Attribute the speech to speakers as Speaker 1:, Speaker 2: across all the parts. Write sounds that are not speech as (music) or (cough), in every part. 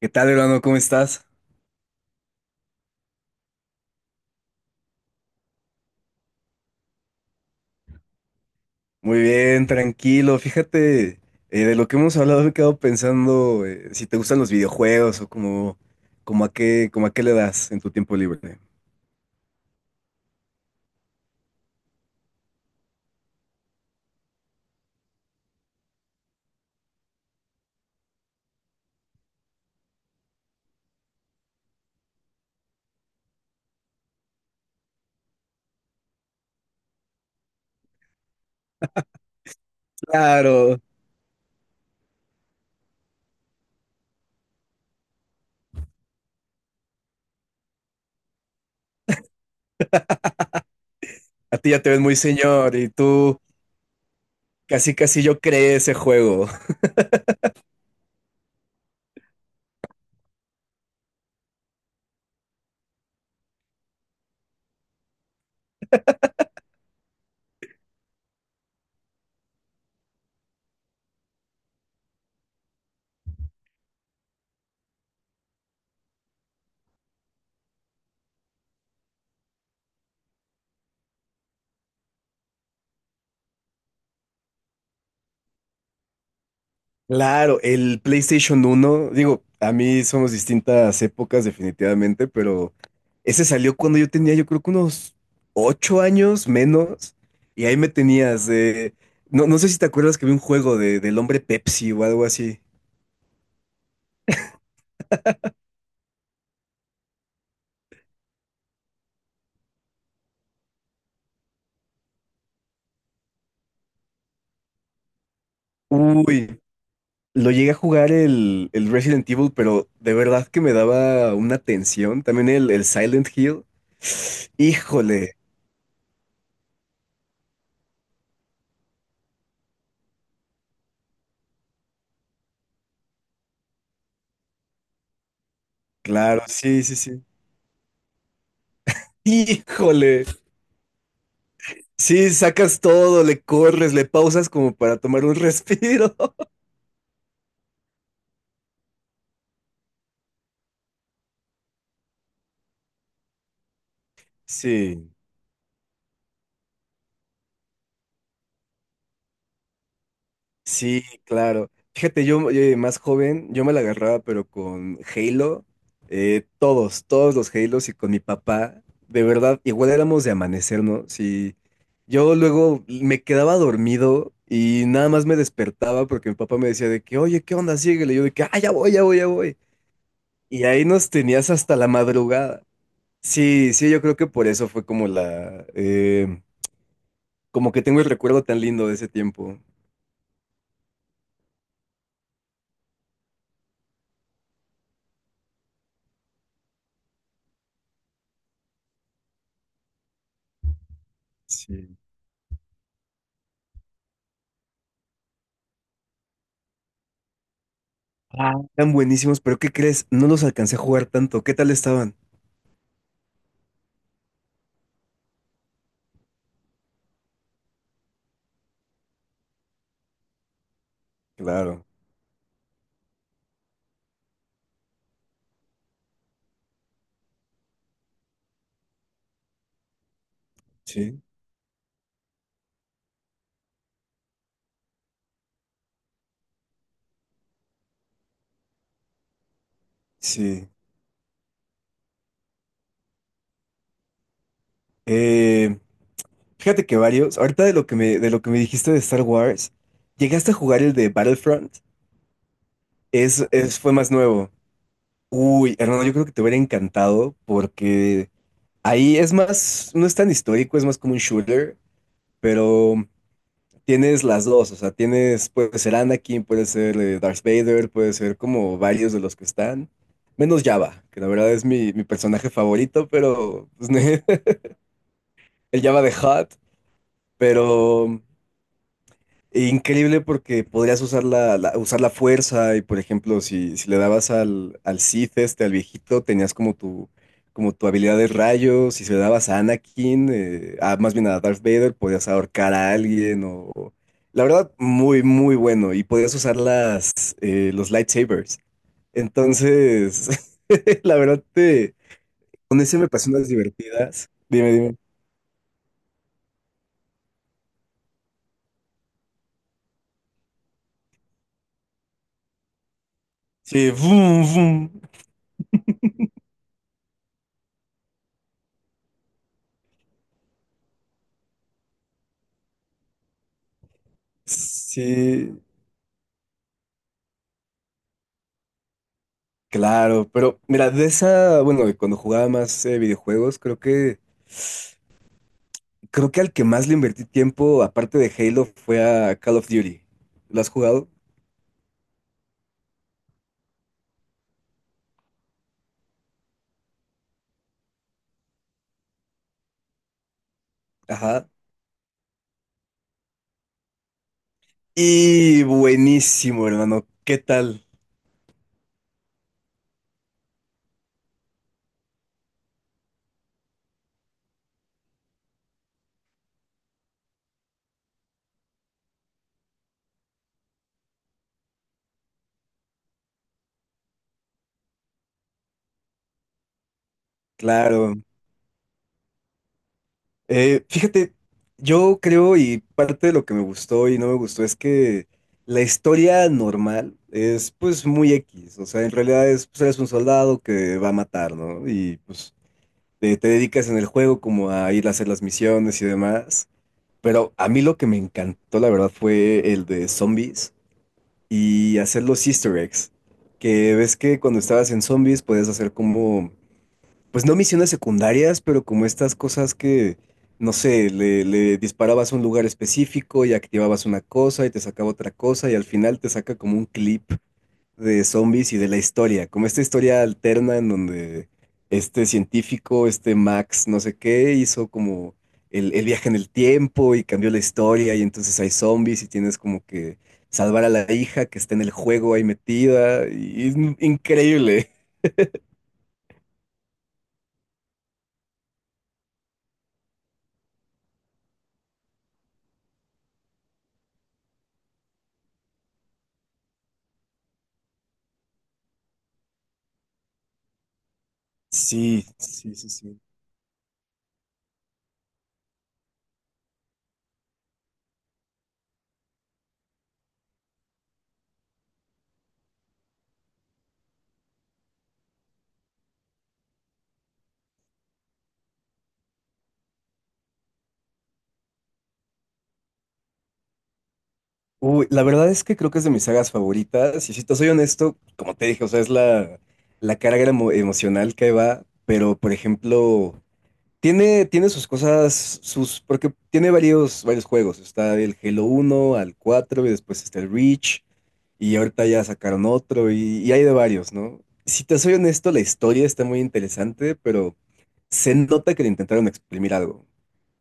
Speaker 1: ¿Qué tal, hermano? ¿Cómo estás? Muy bien, tranquilo. Fíjate, de lo que hemos hablado me he quedado pensando si te gustan los videojuegos o como, como a qué le das en tu tiempo libre. Claro, a ti ya te ves muy señor y tú casi casi yo creé ese juego. Claro, el PlayStation 1, digo, a mí somos distintas épocas definitivamente, pero ese salió cuando yo tenía yo creo que unos 8 años menos, y ahí me tenías, no, no sé si te acuerdas que vi un juego de, del hombre Pepsi o algo así. Uy, lo llegué a jugar el Resident Evil, pero de verdad que me daba una tensión, también el Silent Hill. Híjole, claro, sí, sí, sí. Híjole. Sí, sacas todo, le corres, le pausas como para tomar un respiro. (laughs) Sí, sí, claro. Fíjate, yo más joven, yo me la agarraba, pero con Halo, todos los Halos y con mi papá, de verdad, igual éramos de amanecernos y yo luego me quedaba dormido y nada más me despertaba porque mi papá me decía de que, oye, ¿qué onda? Síguele. Y yo de que, ah, ya voy, ya voy, ya voy. Y ahí nos tenías hasta la madrugada. Sí, sí, yo creo que por eso fue como como que tengo el recuerdo tan lindo de ese tiempo. Sí. Tan buenísimos, pero ¿qué crees? No los alcancé a jugar tanto. ¿Qué tal estaban? Claro, sí, sí. Eh, Fíjate que varios. Ahorita de lo que me dijiste de Star Wars, llegaste a jugar el de Battlefront. Fue más nuevo. Uy, hermano, yo creo que te hubiera encantado porque ahí es más, no es tan histórico, es más como un shooter, pero tienes las dos, o sea, tienes, puede ser Anakin, puede ser Darth Vader, puede ser como varios de los que están, menos Java, que la verdad es mi personaje favorito, pero pues, (laughs) el Java de Hutt, pero increíble porque podrías usar usar la fuerza y, por ejemplo, si le dabas al Sith, este, al viejito, tenías como tu habilidad de rayos. Y si le dabas a Anakin, más bien a Darth Vader, podías ahorcar a alguien. La verdad, muy, muy bueno. Y podías usar los lightsabers. Entonces, (laughs) la verdad, pones siempre unas divertidas. Dime, dime. Sí, boom, boom. Sí. Claro, pero mira, de esa, bueno, de cuando jugaba más videojuegos, creo que al que más le invertí tiempo, aparte de Halo, fue a Call of Duty. ¿Lo has jugado? Ajá. Y buenísimo, hermano. ¿Qué tal? Claro. Fíjate, yo creo y parte de lo que me gustó y no me gustó es que la historia normal es pues muy X. O sea, en realidad es, pues eres un soldado que va a matar, ¿no? Y pues te dedicas en el juego como a ir a hacer las misiones y demás. Pero a mí lo que me encantó, la verdad, fue el de zombies y hacer los Easter eggs. Que ves que cuando estabas en zombies podías hacer como, pues no misiones secundarias, pero como estas cosas que, no sé, le disparabas a un lugar específico y activabas una cosa y te sacaba otra cosa y al final te saca como un clip de zombies y de la historia, como esta historia alterna en donde este científico, este Max, no sé qué, hizo como el viaje en el tiempo y cambió la historia y entonces hay zombies y tienes como que salvar a la hija que está en el juego ahí metida y es increíble. Sí, sí, sí, sí. Uy, la verdad es que creo que es de mis sagas favoritas y si te soy honesto, como te dije, o sea, es la carga emocional que va, pero por ejemplo... Tiene sus cosas, porque tiene varios juegos. Está el Halo 1 al 4 y después está el Reach y ahorita ya sacaron otro y hay de varios, ¿no? Si te soy honesto, la historia está muy interesante, pero se nota que le intentaron exprimir algo.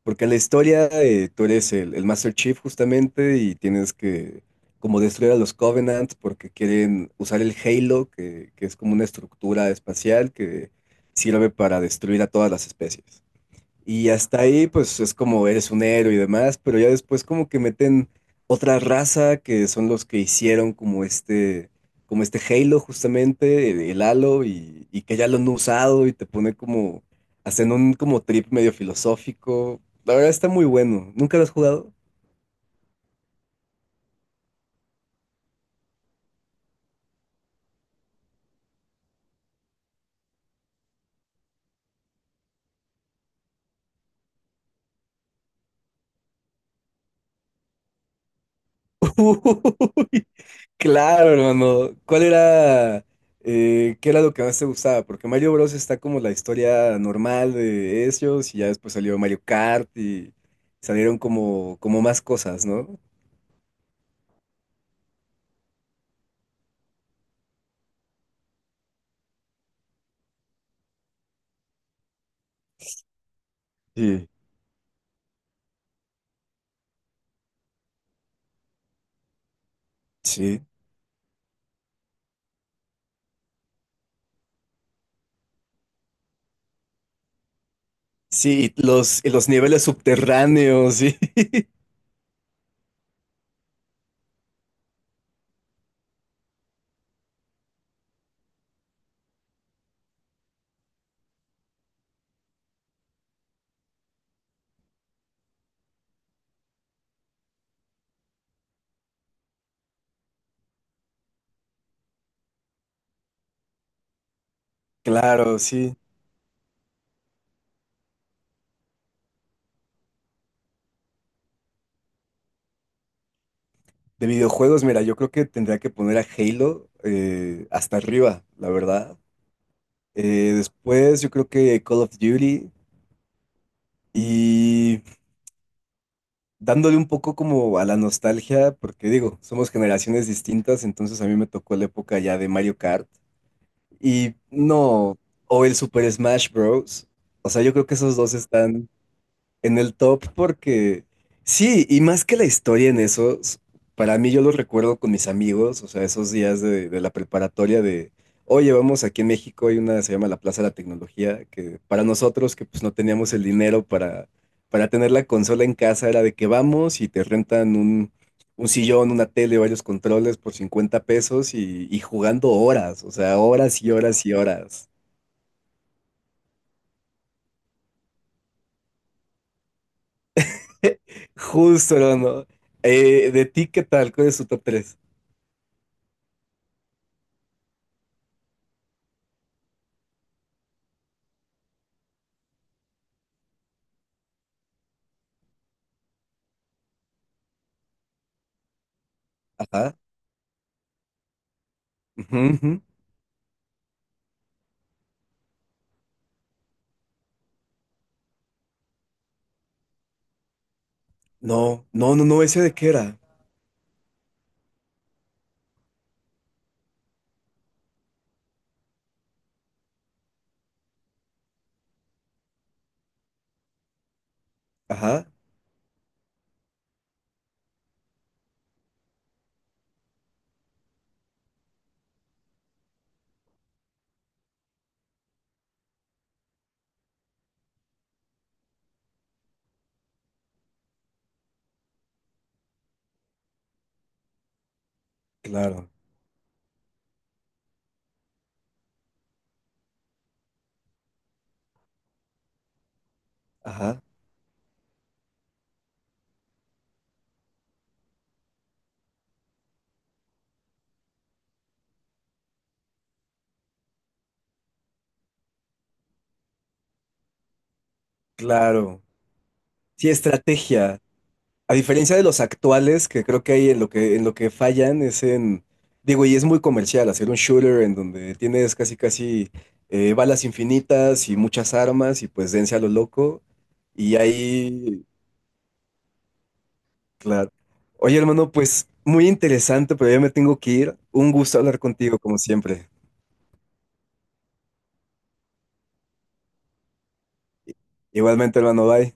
Speaker 1: Porque en la historia tú eres el Master Chief justamente y tienes que como destruir a los Covenant porque quieren usar el Halo, que es como una estructura espacial que sirve para destruir a todas las especies. Y hasta ahí, pues es como eres un héroe y demás, pero ya después como que meten otra raza que son los que hicieron como este Halo justamente, el Halo, y que ya lo han usado y te pone como, hacen un como trip medio filosófico. La verdad está muy bueno. ¿Nunca lo has jugado? Uy, claro, hermano. ¿Qué era lo que más te gustaba? Porque Mario Bros. Está como la historia normal de ellos y ya después salió Mario Kart y salieron como más cosas, ¿no? Sí. Sí. Sí, y los niveles subterráneos, sí. (laughs) Claro, sí. De videojuegos, mira, yo creo que tendría que poner a Halo hasta arriba, la verdad. Después yo creo que Call of Duty y dándole un poco como a la nostalgia, porque digo, somos generaciones distintas, entonces a mí me tocó la época ya de Mario Kart y no, o el Super Smash Bros. O sea, yo creo que esos dos están en el top porque sí, y más que la historia en esos, para mí yo los recuerdo con mis amigos, o sea, esos días de la preparatoria oye, vamos, aquí en México hay una, se llama la Plaza de la Tecnología, que para nosotros que pues no teníamos el dinero para tener la consola en casa era de que vamos y te rentan un sillón, una tele, varios controles por 50 pesos y jugando horas, o sea, horas y horas y horas. (laughs) Justo, ¿no? ¿De ti qué tal? ¿Cuál es tu top 3? Ajá. Ujú, ujú. No, no, no, no, ¿ese de qué era? Ajá, claro, ajá, claro. Sí, estrategia. A diferencia de los actuales, que creo que ahí en lo que fallan es en, digo, y es muy comercial, hacer un shooter en donde tienes casi, casi balas infinitas y muchas armas y pues dense a lo loco. Y ahí, claro. Oye, hermano, pues muy interesante, pero ya me tengo que ir. Un gusto hablar contigo, como siempre. Igualmente, hermano, bye.